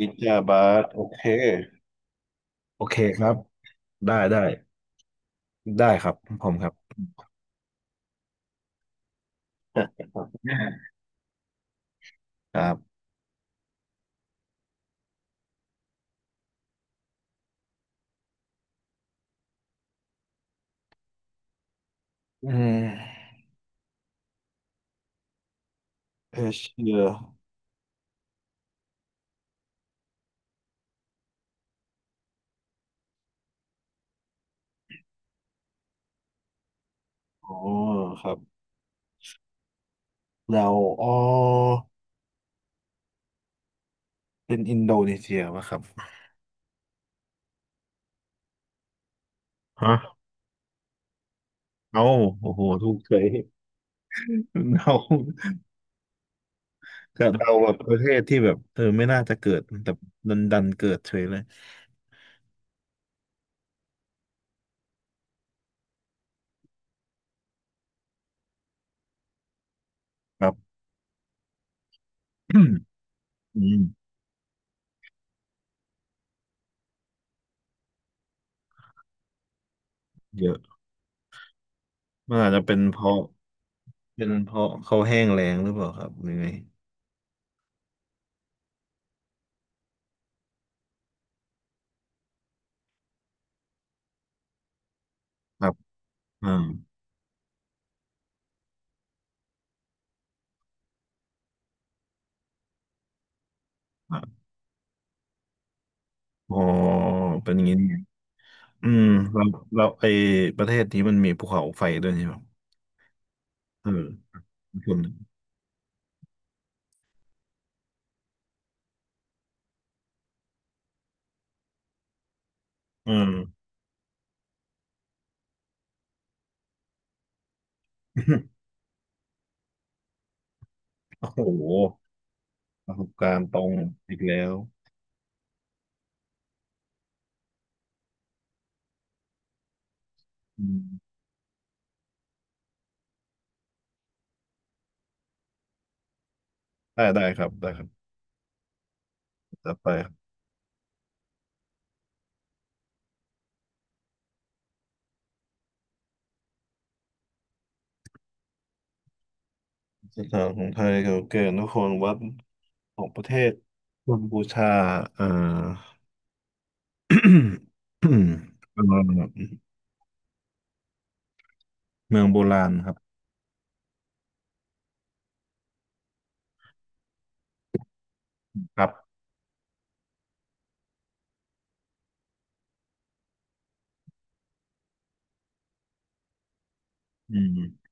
อิจาบาทโอเคโอเคครับได้ได้ได้ครับผมครับครับอืมเอเชียอ๋อครับเราอ๋อเป็นอินโดนีเซียป่ะครับฮะเอาโอ้โหถูกเฉยเรากะเราแบบประเทศที่แบบไม่น่าจะเกิดแต่ดันเกิดเฉยเลยครับอืมเยอะมันอาจจะเป็นเพราะเป็นเพราะเขาแห้งแล้งหรือเปล่าครับหรือไงครับอ่า อ๋อเป็นอย่างนี้นี่เองอืมเราเราไอประเทศนี้มันมีภูเขาไฟด้วยใช่ไหมเออส่นหนึ่งเอืม โอ้โหประสบการณ์ตรงอีกแล้วอืมได้ได้ครับได้ครับจะไปครับสถานของไทยเก่าแก่นครวัดของประเทศกัมพูชาเอ่อ เอ่อเมืองโบราณครับครับอืม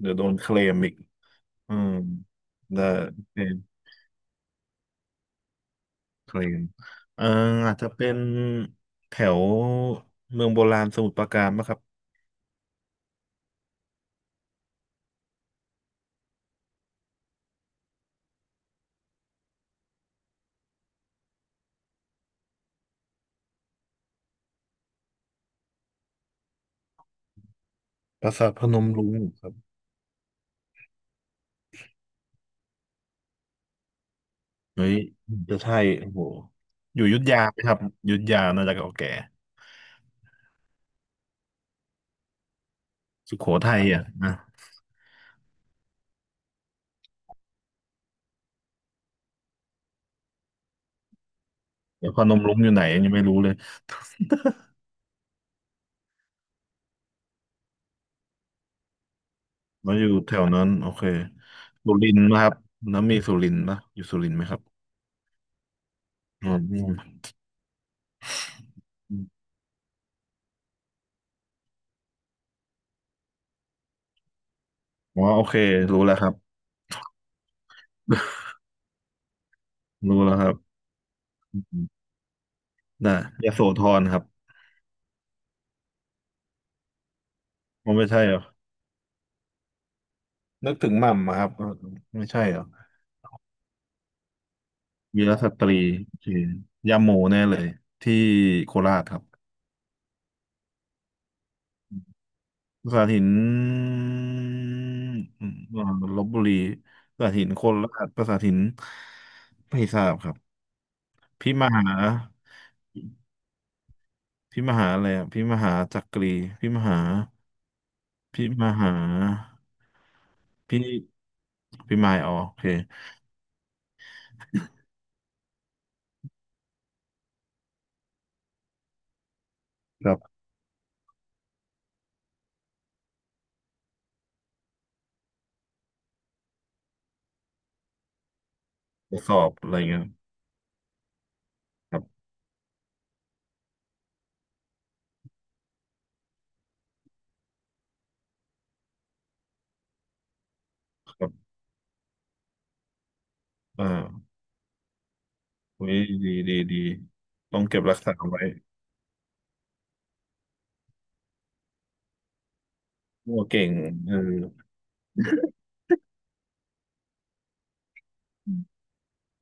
เดี๋ยวโดนเคลมอีกอืมได้โอเค เคลมเอ่ออาจจะเป็นแถวเมืองโบราณสมุทรปราการปะครับปราสาทพนมรุ้งครับเฮ้ยจะใช่โอ้โหอยู่อยุธยาไหมครับอยุธยาน่าจะเก่าแก่สุโขทัยอ่ะนะแต่พนมรุ้งอยู่ไหนยังไม่รู้เลย แล้วอยู่แถวนั้นโอเคสุรินทร์นะครับน้ำมีสุรินทร์ปะอยู่สุรินทร์ไหมครับอืมอมอมอ๋อโอเครู้แล้วครับ รู้แล้วครับน่ะยโสธรครับมันไม่ใช่เหรอนึกถึงหม่ำอะครับเออไม่ใช่เหรอ วีรสตรีโอเคย่าโมแน่เลยที่โคราชครับสาหินอืมอ่าลพบุรีสาหินโคราชประสาทหินไม่ทราบครับพี่มหาพี่มหาอะไรอะพี่มหาจักรีพี่มหาพี่มหาพี่พี่มายอ๋อโอเคครับทดสอบอะไรเงี้ยครับครับอ่าอุ้ยดีต้องเก็บรักษาไว้โอ้เก่งเออ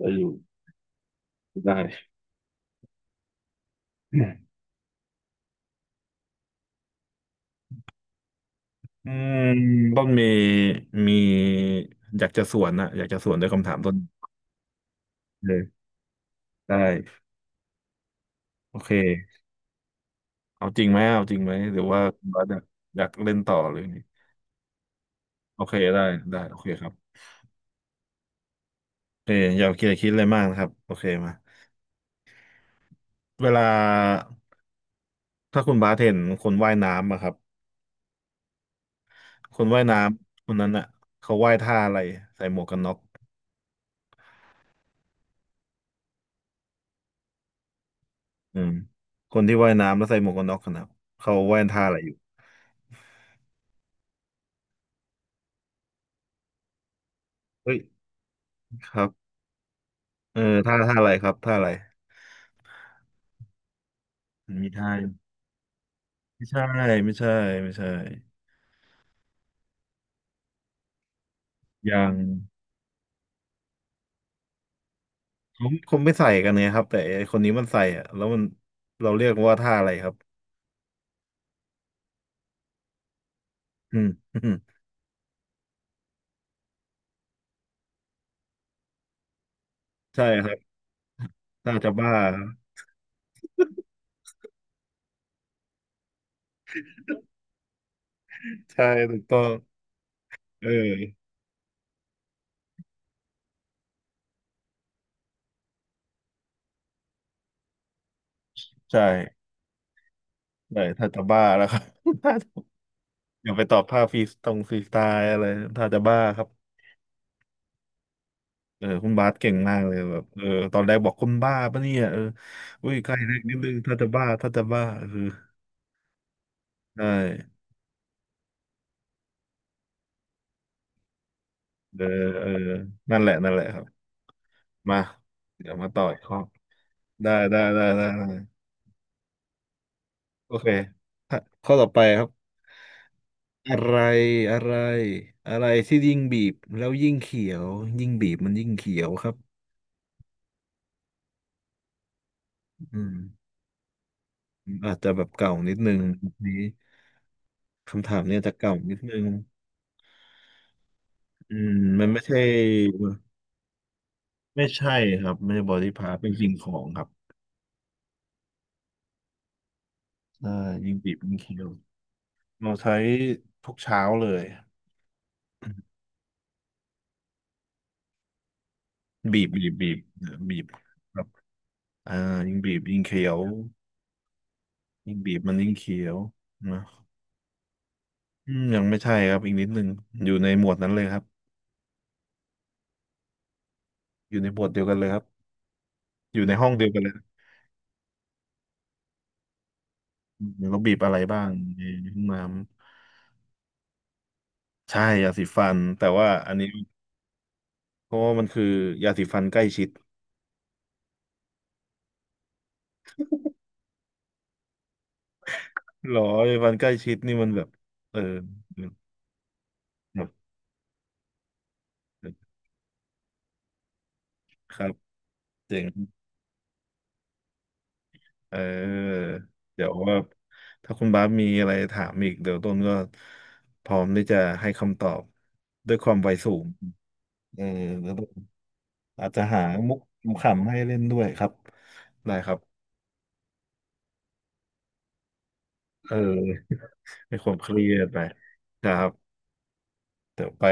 จะอยู่ได้อืมต้นเมย์มีอยากจะสวนนะอยากจะสวนด้วยคำถามต้นเลยได้โอเคเอาจริงไหมเอาจริงไหมหรือว่าคุณบาสอยากอยากเล่นต่อหรือไงโอเคได้โอเคครับโอเคอย่าคิดอย่าคิดอะไรมากนะครับโอเคมาเวลาถ้าคุณบาสเห็นคนว่ายน้ำอะครับคนว่ายน้ำคนนั้นอะเขาว่ายท่าอะไรใส่หมวกกันน็อกอืมคนที่ว่ายน้ำแล้วใส่หมวกกันน็อกกันนะเขาว่ายท่าอะไรอยู่เฮ้ยครับ เออท่าอะไรครับท่าอะไรมันมีท่าไม่ใช่ไม่ใช่อย่างเขาคงไม่ใส่กันเนี่ยครับแต่ไอ้คนนี้มันใส่อะแล้วมันเราเรียกว่าท่าอะไรครับอืม ใช่ครับท่าจะบ้าครับใช่ถูกต้องเออใช่ใช่ท่าจะบ้าแล้วครับ ท่าจะอย่าไปตอบท่าฟรีสตรงฟรีสไตล์อะไรท่าจะบ้าครับเออคุณบาสเก่งมากเลยแบบเออตอนแรกบอกคุณบ้าปะเนี่ยเอออุ้ยใกล้เล็นิดนึงท่าจะบ้าท่าจะบ้าเออใช่ เออเออนั่นแหละนั่นแหละครับ มาเดี๋ยวมาต่ออีกข้อได้โอเคข้อข้อต่อไปครับ อะไรอะไร อะไรที่ยิ่งบีบแล้วยิ่งเขียวยิ่งบีบมันยิ่งเขียวครับอืมอาจจะแบบเก่านิดนึงนี้คำถามเนี่ยจะเก่านิดนึงอืม มันไม่ใช่ ไม่ใช่ครับ ไม่ใช่บอดี้พาร์ทเป็นสิ่งของครับเออยิ่งบีบยิ่งเขียวเราใช้ทุกเช้าเลย บีบบีบแบบอ่ายิ่งบีบยิ่งเคี้ยวยิ่งบีบมันยิ่งเคี้ยวนะอืมยังไม่ใช่ครับอีกนิดนึงอยู่ในหมวดนั้นเลยครับอยู่ในหมวดเดียวกันเลยครับอยู่ในห้องเดียวกันเลยครับเราบีบอะไรบ้างในห้องน้ำใช่ยาสีฟันแต่ว่าอันนี้เพราะว่ามันคือยาสีฟันใกล้ชิดหรอยาสีฟันใกล้ชิดนี่มันแบบเออแบบครับเจ๋ง เออเดี๋ยวว่าถ้าคุณบาสมีอะไรถามอีกเดี๋ยวต้นก็พร้อมที่จะให้คำตอบด้วยความไวสูงเออแล้วก็อาจจะหามุกขำๆให้เล่นด้วยครับได้ครับเออไม่ความเครียดไปนะครับเดี๋ยวไป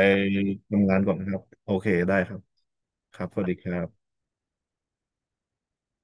ทำงานก่อนครับโอเคได้ครับครับสวัสดีครับ